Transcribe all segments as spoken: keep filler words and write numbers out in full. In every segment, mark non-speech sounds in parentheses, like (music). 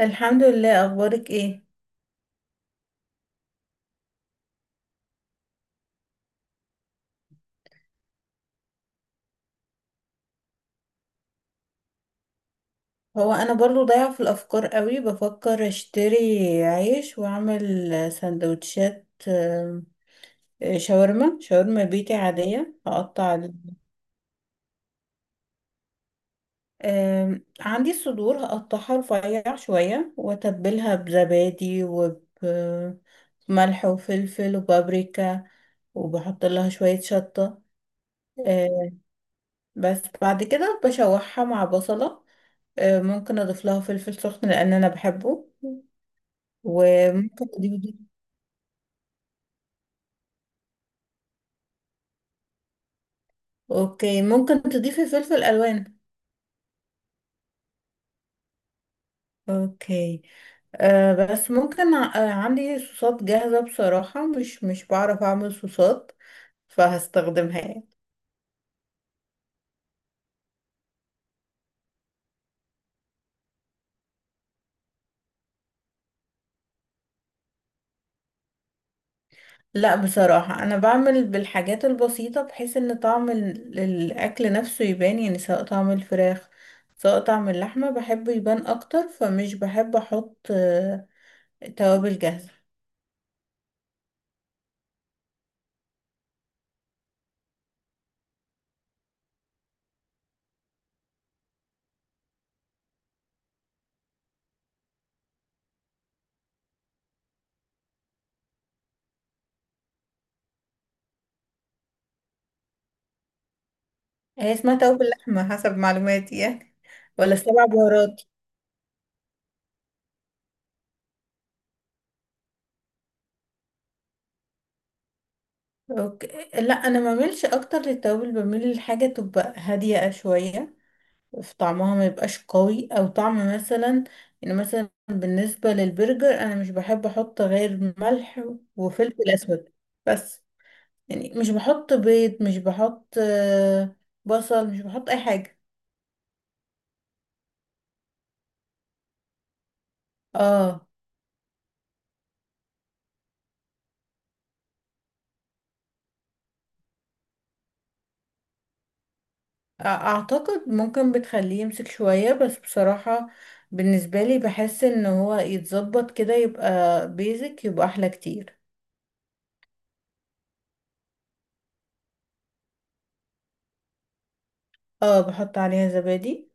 الحمد لله، اخبارك ايه؟ هو انا برضو ضايعه في الافكار قوي. بفكر اشتري عيش واعمل سندوتشات، آم، شاورما شاورما بيتي عاديه. هقطع ال- آم، عندي صدور هقطعها رفيع شويه، واتبلها بزبادي وبملح وفلفل وبابريكا، وبحط لها شويه شطه. آم، بس بعد كده بشوحها مع بصله. آم، ممكن اضيف لها فلفل سخن لان انا بحبه. وممكن تضيفي. اوكي، ممكن تضيفي فلفل الوان. اوكي. آه بس ممكن ع- آه عندي صوصات جاهزة. بصراحة مش مش بعرف اعمل صوصات، فهستخدمها يعني. لا، بصراحة انا بعمل بالحاجات البسيطة، بحيث ان طعم ال- الاكل نفسه يبان، يعني سواء طعم الفراخ سواء طعم اللحمة بحبه يبان اكتر، فمش بحب احط آه توابل جاهزة. هي اسمها توابل لحمة حسب معلوماتي يعني، ولا السبع بهارات. اوكي. لا انا ما بعملش اكتر للتوابل، بميل لحاجه تبقى هاديه شويه في طعمها، ما يبقاش قوي او طعم مثلا. يعني مثلا بالنسبه للبرجر، انا مش بحب احط غير ملح وفلفل اسود بس. يعني مش بحط بيض، مش بحط آه، بصل، مش بحط اي حاجه. اه. أ- اعتقد ممكن بتخليه يمسك شويه، بس بصراحه بالنسبه لي بحس ان هو يتظبط كده يبقى بيزك، يبقى احلى كتير. اه، بحط عليها زبادي.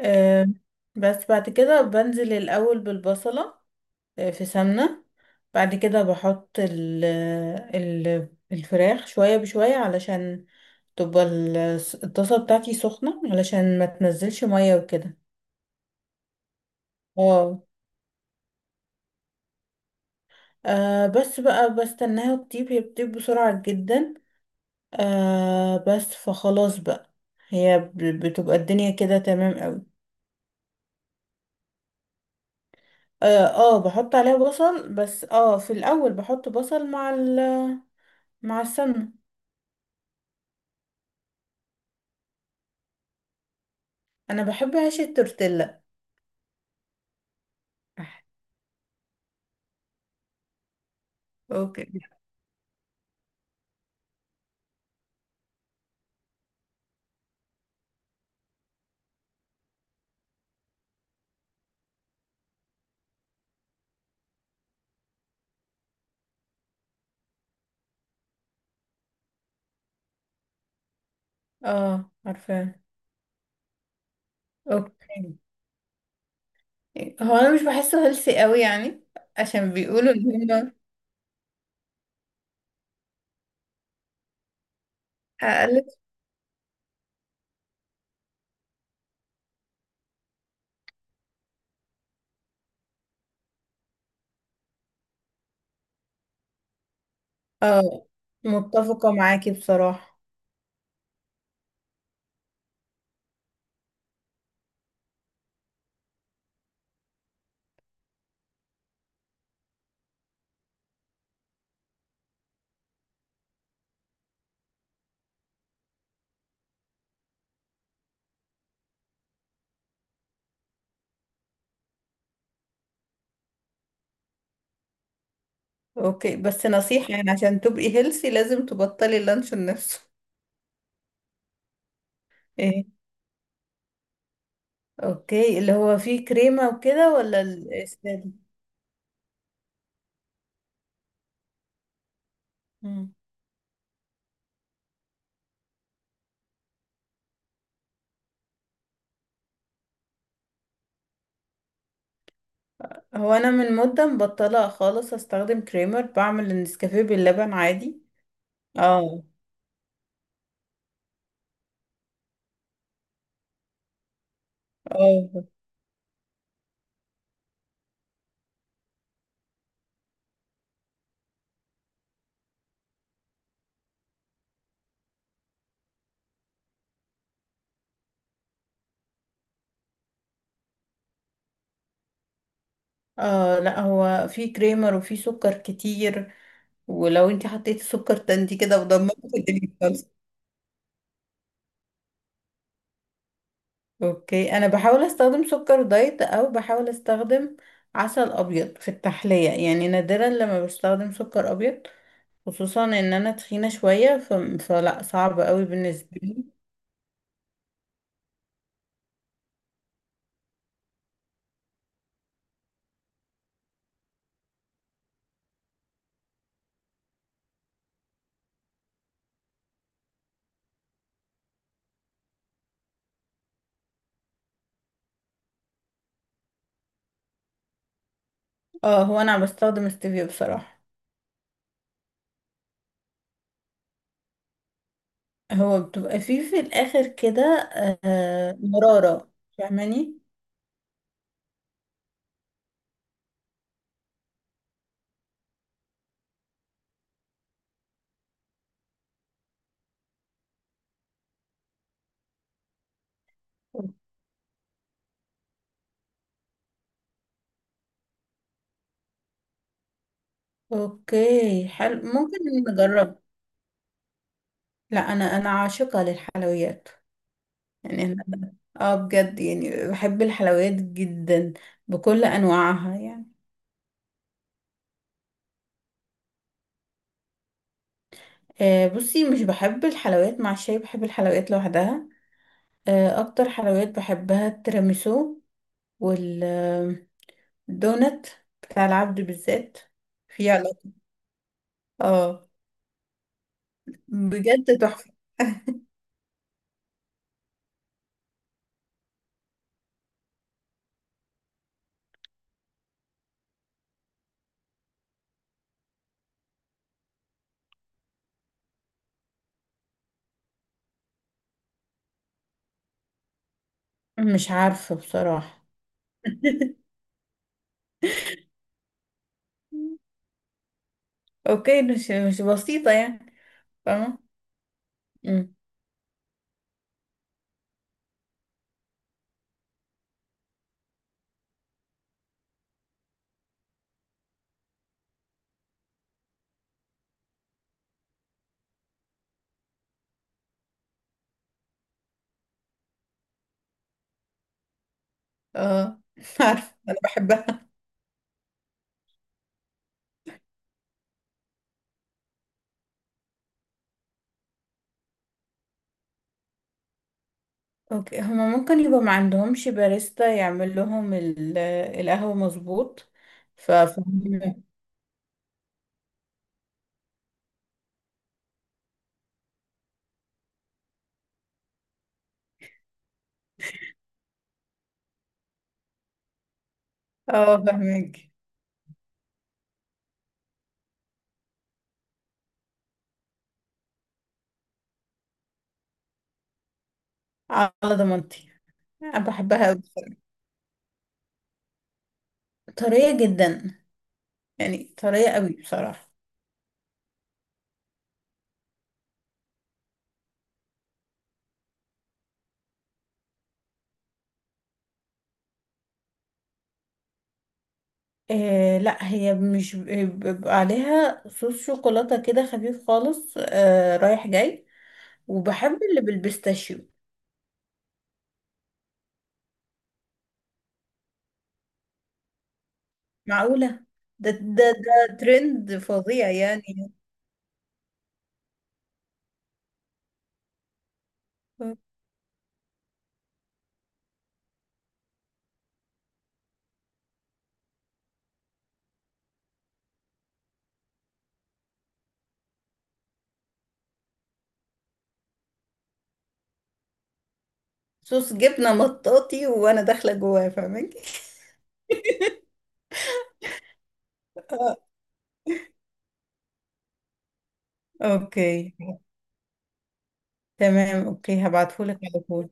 آه، بس بعد كده بنزل الأول بالبصلة. آه في سمنة. بعد كده بحط ال ال الفراخ شوية بشوية، علشان تبقى ال- الطاسة بتاعتي سخنة، علشان ما تنزلش مية وكده. اه. آه، بس بقى بستناها تطيب، هي بتطيب بسرعة جدا. آه، بس فخلاص بقى، هي ب- بتبقى الدنيا كده تمام أوي. اه، آه، بحط عليها بصل. بس اه في الاول بحط بصل مع ال مع السمنه. انا بحب عيش التورتيلا. صح. اوكي. اه، عارفاه. اوكي. هو انا مش بحسه هيلثي قوي يعني، عشان بيقولوا ان هم اقلل. اه، متفقه معاكي بصراحه. اوكي، بس نصيحه يعني، عشان تبقي هيلثي لازم تبطلي اللانشون نفسه. (laughs) ايه. اوكي، اللي هو فيه كريمه وكده، ولا الساده؟ هو انا من مده مبطله خالص استخدم كريمر، بعمل النسكافيه باللبن عادي. اه. اه. اه، لا هو في كريمر وفي سكر كتير، ولو انت حطيتي سكر تاني كده ودمرت الدنيا خالص. اوكي، انا بحاول استخدم سكر دايت، او بحاول استخدم عسل ابيض في التحليه. يعني نادرا لما بستخدم سكر ابيض، خصوصا ان انا تخينه شويه، ف... فلا صعب قوي بالنسبه لي. اه، هو انا بستخدم ستيفيا بصراحه. هو بتبقى فيه في الآخر كده. آه، مرارة، فاهماني. اوكي، حلو، ممكن نجرب. لا، انا انا عاشقة للحلويات. يعني أنا- اه بجد، يعني بحب الحلويات جدا بكل انواعها يعني. آه، بصي، مش بحب الحلويات مع الشاي، بحب الحلويات لوحدها. آه، اكتر حلويات بحبها التيراميسو، والدونت بتاع العبد بالذات. في علاقة. اه، بجد تحفة. مش عارفة بصراحة. (laughs) اوكي، مش مش بسيطة يعني. فاهمة. أمم. اه (laughs) عارفة انا بحبها. اوكي، هما ممكن يبقى ما عندهمش باريستا يعمل لهم ال- القهوة مظبوط. ففهمك. اه، فهمك. على ضمانتي. انا بحبها قوي. طرية جدا، يعني طرية قوي بصراحة. إيه، لا هي مش بيبقى عليها صوص شوكولاتة كده خفيف خالص، آه رايح جاي. وبحب اللي بالبيستاشيو. معقولة. ده ده ده ترند فظيع يعني. صوص جبنة مطاطي وانا داخلة جواه، فاهمك. آه. اوكي. تمام، اوكي، هبعتهولك على طول.